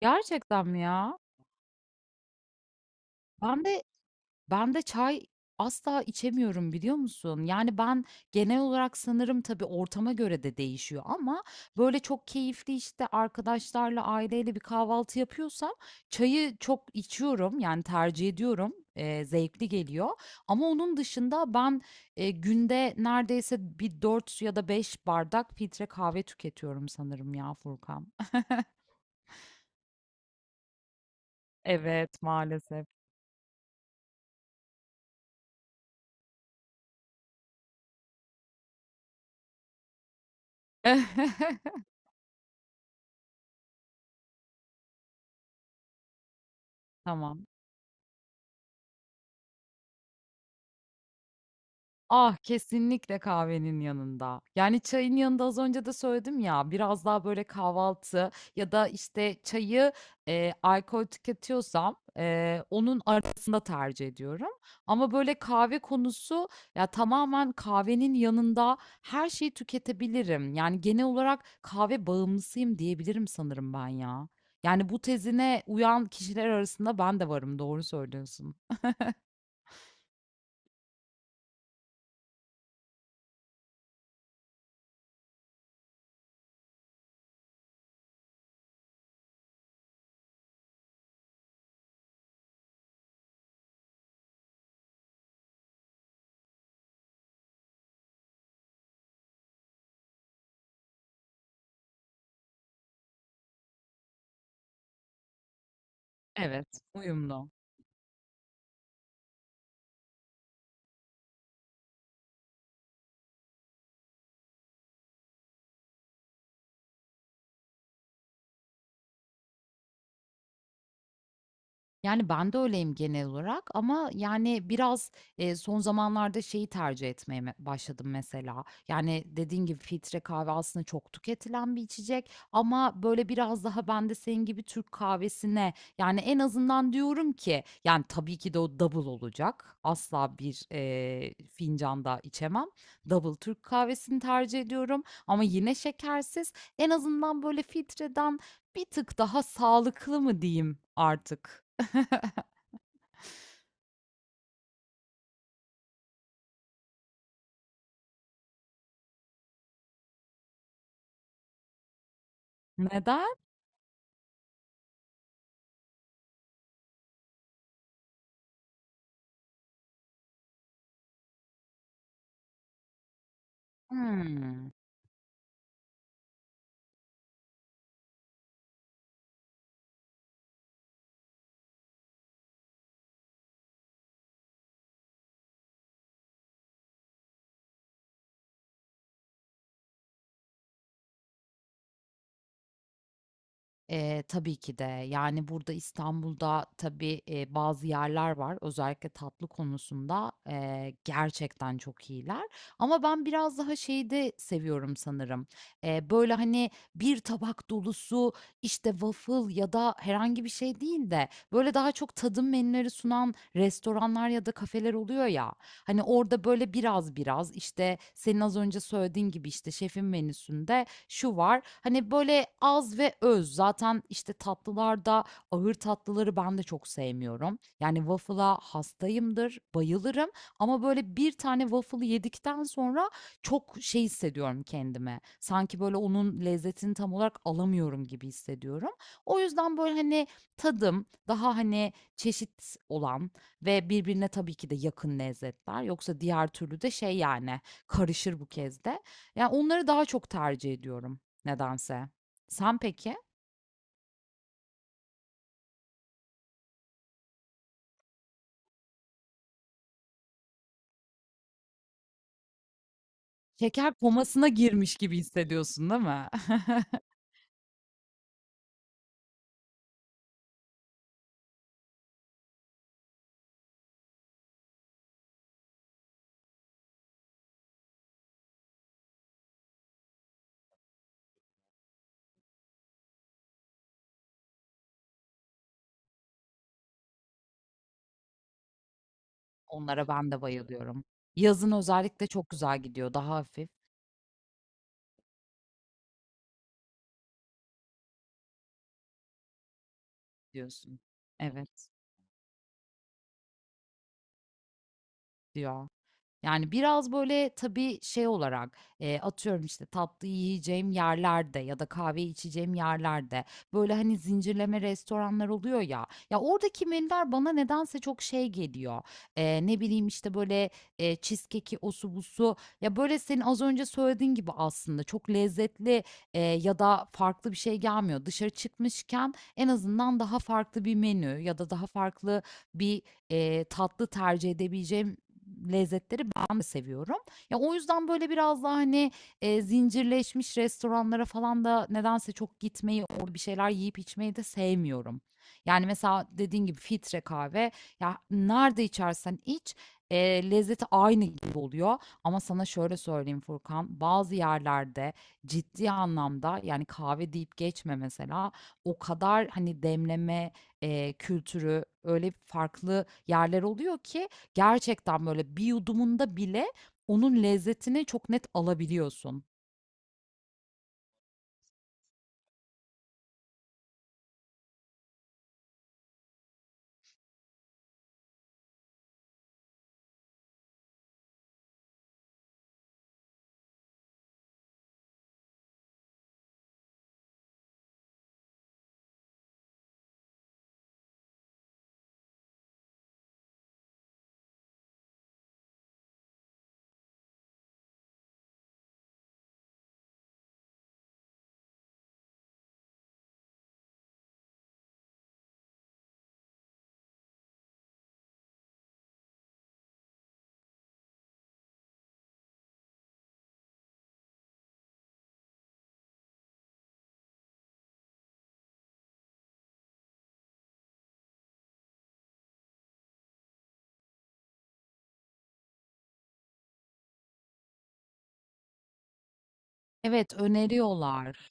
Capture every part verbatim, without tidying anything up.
Gerçekten mi ya? Ben de ben de çay asla içemiyorum biliyor musun? Yani ben genel olarak sanırım tabii ortama göre de değişiyor ama böyle çok keyifli işte arkadaşlarla aileyle bir kahvaltı yapıyorsam çayı çok içiyorum yani tercih ediyorum. Eee, zevkli geliyor. Ama onun dışında ben e, günde neredeyse bir dört ya da beş bardak filtre kahve tüketiyorum sanırım ya Furkan. Evet, maalesef. Tamam. Ah, kesinlikle kahvenin yanında. Yani çayın yanında az önce de söyledim ya biraz daha böyle kahvaltı ya da işte çayı e, alkol tüketiyorsam e, onun arasında tercih ediyorum. Ama böyle kahve konusu ya tamamen kahvenin yanında her şeyi tüketebilirim. Yani genel olarak kahve bağımlısıyım diyebilirim sanırım ben ya. Yani bu tezine uyan kişiler arasında ben de varım, doğru söylüyorsun. Evet, uyumlu. Yani ben de öyleyim genel olarak ama yani biraz e, son zamanlarda şeyi tercih etmeye me- başladım mesela. Yani dediğin gibi filtre kahve aslında çok tüketilen bir içecek ama böyle biraz daha ben de senin gibi Türk kahvesine yani en azından diyorum ki yani tabii ki de o double olacak. Asla bir e, fincanda içemem. Double Türk kahvesini tercih ediyorum ama yine şekersiz. En azından böyle filtreden bir tık daha sağlıklı mı diyeyim artık? Neden? Hımm. Eee, tabii ki de. Yani, burada İstanbul'da tabii, eee, bazı yerler var. Özellikle tatlı konusunda, eee, gerçekten çok iyiler ama ben biraz daha şeyi de seviyorum sanırım. Eee, böyle, hani, bir tabak dolusu, işte, waffle ya da herhangi bir şey değil de, böyle, daha çok tadım menüleri sunan restoranlar ya da kafeler oluyor ya, hani, orada, böyle, biraz biraz, işte, senin az önce söylediğin gibi, işte, şefin menüsünde şu var. Hani, böyle, az ve öz. Zaten, işte, tatlılarda ağır tatlıları ben de çok sevmiyorum. Yani, waffle'a hastayımdır, bayılırım ama, böyle, bir tane waffle'ı yedikten sonra çok şey hissediyorum kendime. Sanki, böyle, onun lezzetini tam olarak alamıyorum gibi hissediyorum. O yüzden, böyle, hani, tadım daha, hani, çeşit olan ve birbirine tabii ki de yakın lezzetler. Yoksa diğer türlü de şey, yani, karışır bu kez de. Ya, onları daha çok tercih ediyorum nedense. Sen peki? Şeker komasına girmiş gibi hissediyorsun, değil mi? Onlara ben de bayılıyorum. Yazın özellikle çok güzel gidiyor, daha hafif diyorsun. Evet, ya. Yani, biraz, böyle, tabii, şey olarak, eee, atıyorum, işte, tatlı yiyeceğim yerlerde ya da kahve içeceğim yerlerde, böyle, hani, zincirleme restoranlar oluyor ya, ya, oradaki menüler bana nedense çok şey geliyor. Eee, ne bileyim, işte, böyle, eee, cheesecake'i, osu busu, ya, böyle, senin az önce söylediğin gibi aslında çok lezzetli, eee, ya da farklı bir şey gelmiyor. Dışarı çıkmışken en azından daha farklı bir menü ya da daha farklı bir, eee, tatlı tercih edebileceğim lezzetleri ben de seviyorum. Ya, o yüzden, böyle, biraz daha, hani, eee, zincirleşmiş restoranlara falan da nedense çok gitmeyi, orada bir şeyler yiyip içmeyi de sevmiyorum. Yani, mesela dediğin gibi filtre kahve, ya, nerede içersen iç, eee, lezzeti aynı gibi oluyor ama sana şöyle söyleyeyim Furkan, bazı yerlerde ciddi anlamda, yani, kahve deyip geçme mesela, o kadar, hani, demleme, eee, kültürü öyle farklı yerler oluyor ki gerçekten böyle bir yudumunda bile onun lezzetini çok net alabiliyorsun. Evet, öneriyorlar.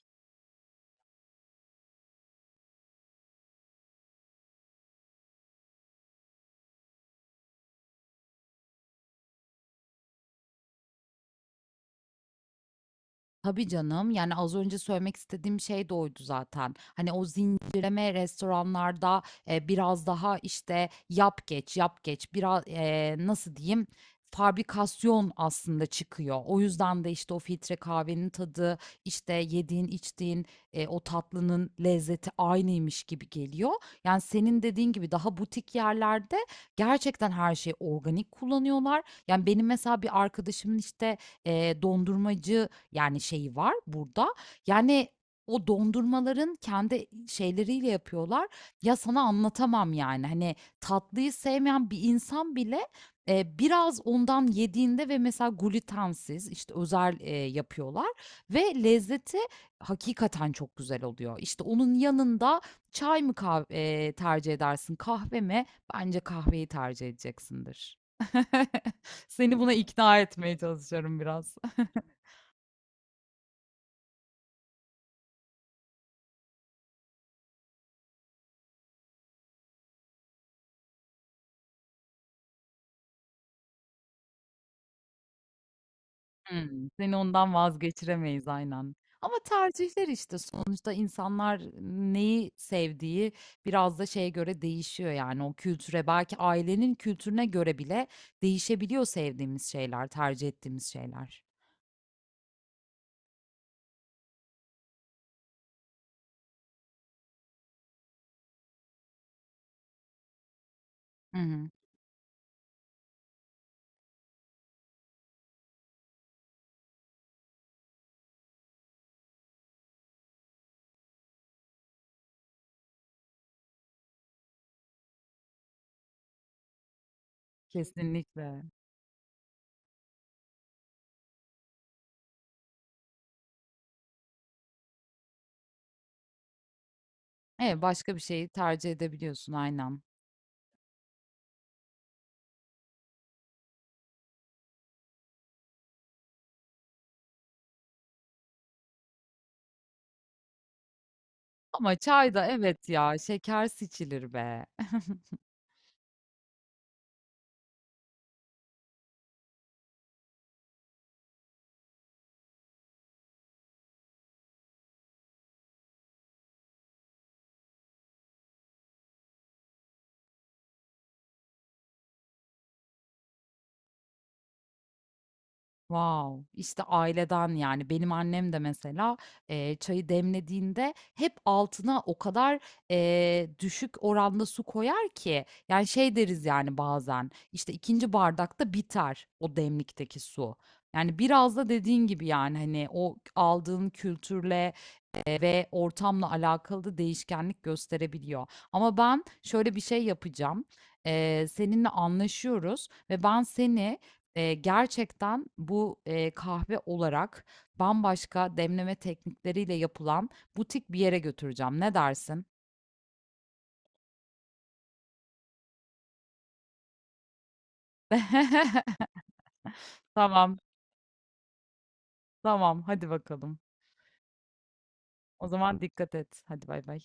Tabii canım, yani, az önce söylemek istediğim şey de oydu zaten. Hani, o zincirleme restoranlarda, eee, biraz daha, işte, yap geç, yap geç, biraz eee, nasıl diyeyim, fabrikasyon aslında çıkıyor. O yüzden de, işte, o filtre kahvenin tadı, işte, yediğin, içtiğin, eee, o tatlının lezzeti aynıymış gibi geliyor. Yani, senin dediğin gibi daha butik yerlerde gerçekten her şeyi organik kullanıyorlar. Yani, benim mesela bir arkadaşımın, işte, eee, dondurmacı yani şeyi var burada. Yani o dondurmaların kendi şeyleriyle yapıyorlar. Ya sana anlatamam yani. Hani tatlıyı sevmeyen bir insan bile e, biraz ondan yediğinde ve mesela glutensiz işte özel e, yapıyorlar ve lezzeti hakikaten çok güzel oluyor. İşte onun yanında çay mı kah- e, tercih edersin, kahve mi? Bence kahveyi tercih edeceksindir. Seni buna ikna etmeye çalışıyorum biraz. Hımm. Seni ondan vazgeçiremeyiz aynen. Ama tercihler işte sonuçta insanlar neyi sevdiği biraz da şeye göre değişiyor yani o kültüre belki ailenin kültürüne göre bile değişebiliyor sevdiğimiz şeyler, tercih ettiğimiz şeyler. Hı hı. Kesinlikle. Evet, başka bir şeyi tercih edebiliyorsun aynen. Ama çay da evet ya, şeker içilir be. Wow! işte aileden, yani, benim annem de mesela, eee, çayı demlediğinde hep altına o kadar, eee, düşük oranda su koyar ki, yani, şey deriz, yani, bazen, işte, ikinci bardakta biter o demlikteki su. Yani, biraz da dediğin gibi, yani, hani, o aldığın kültürle, ve ortamla alakalı değişkenlik gösterebiliyor. Ama ben şöyle bir şey yapacağım. Eee, seninle anlaşıyoruz ve ben seni eee, gerçekten bu eee, kahve olarak bambaşka demleme teknikleriyle yapılan butik bir yere götüreceğim. Ne dersin? Tamam, tamam. Hadi bakalım. O zaman dikkat et. Hadi bay bay.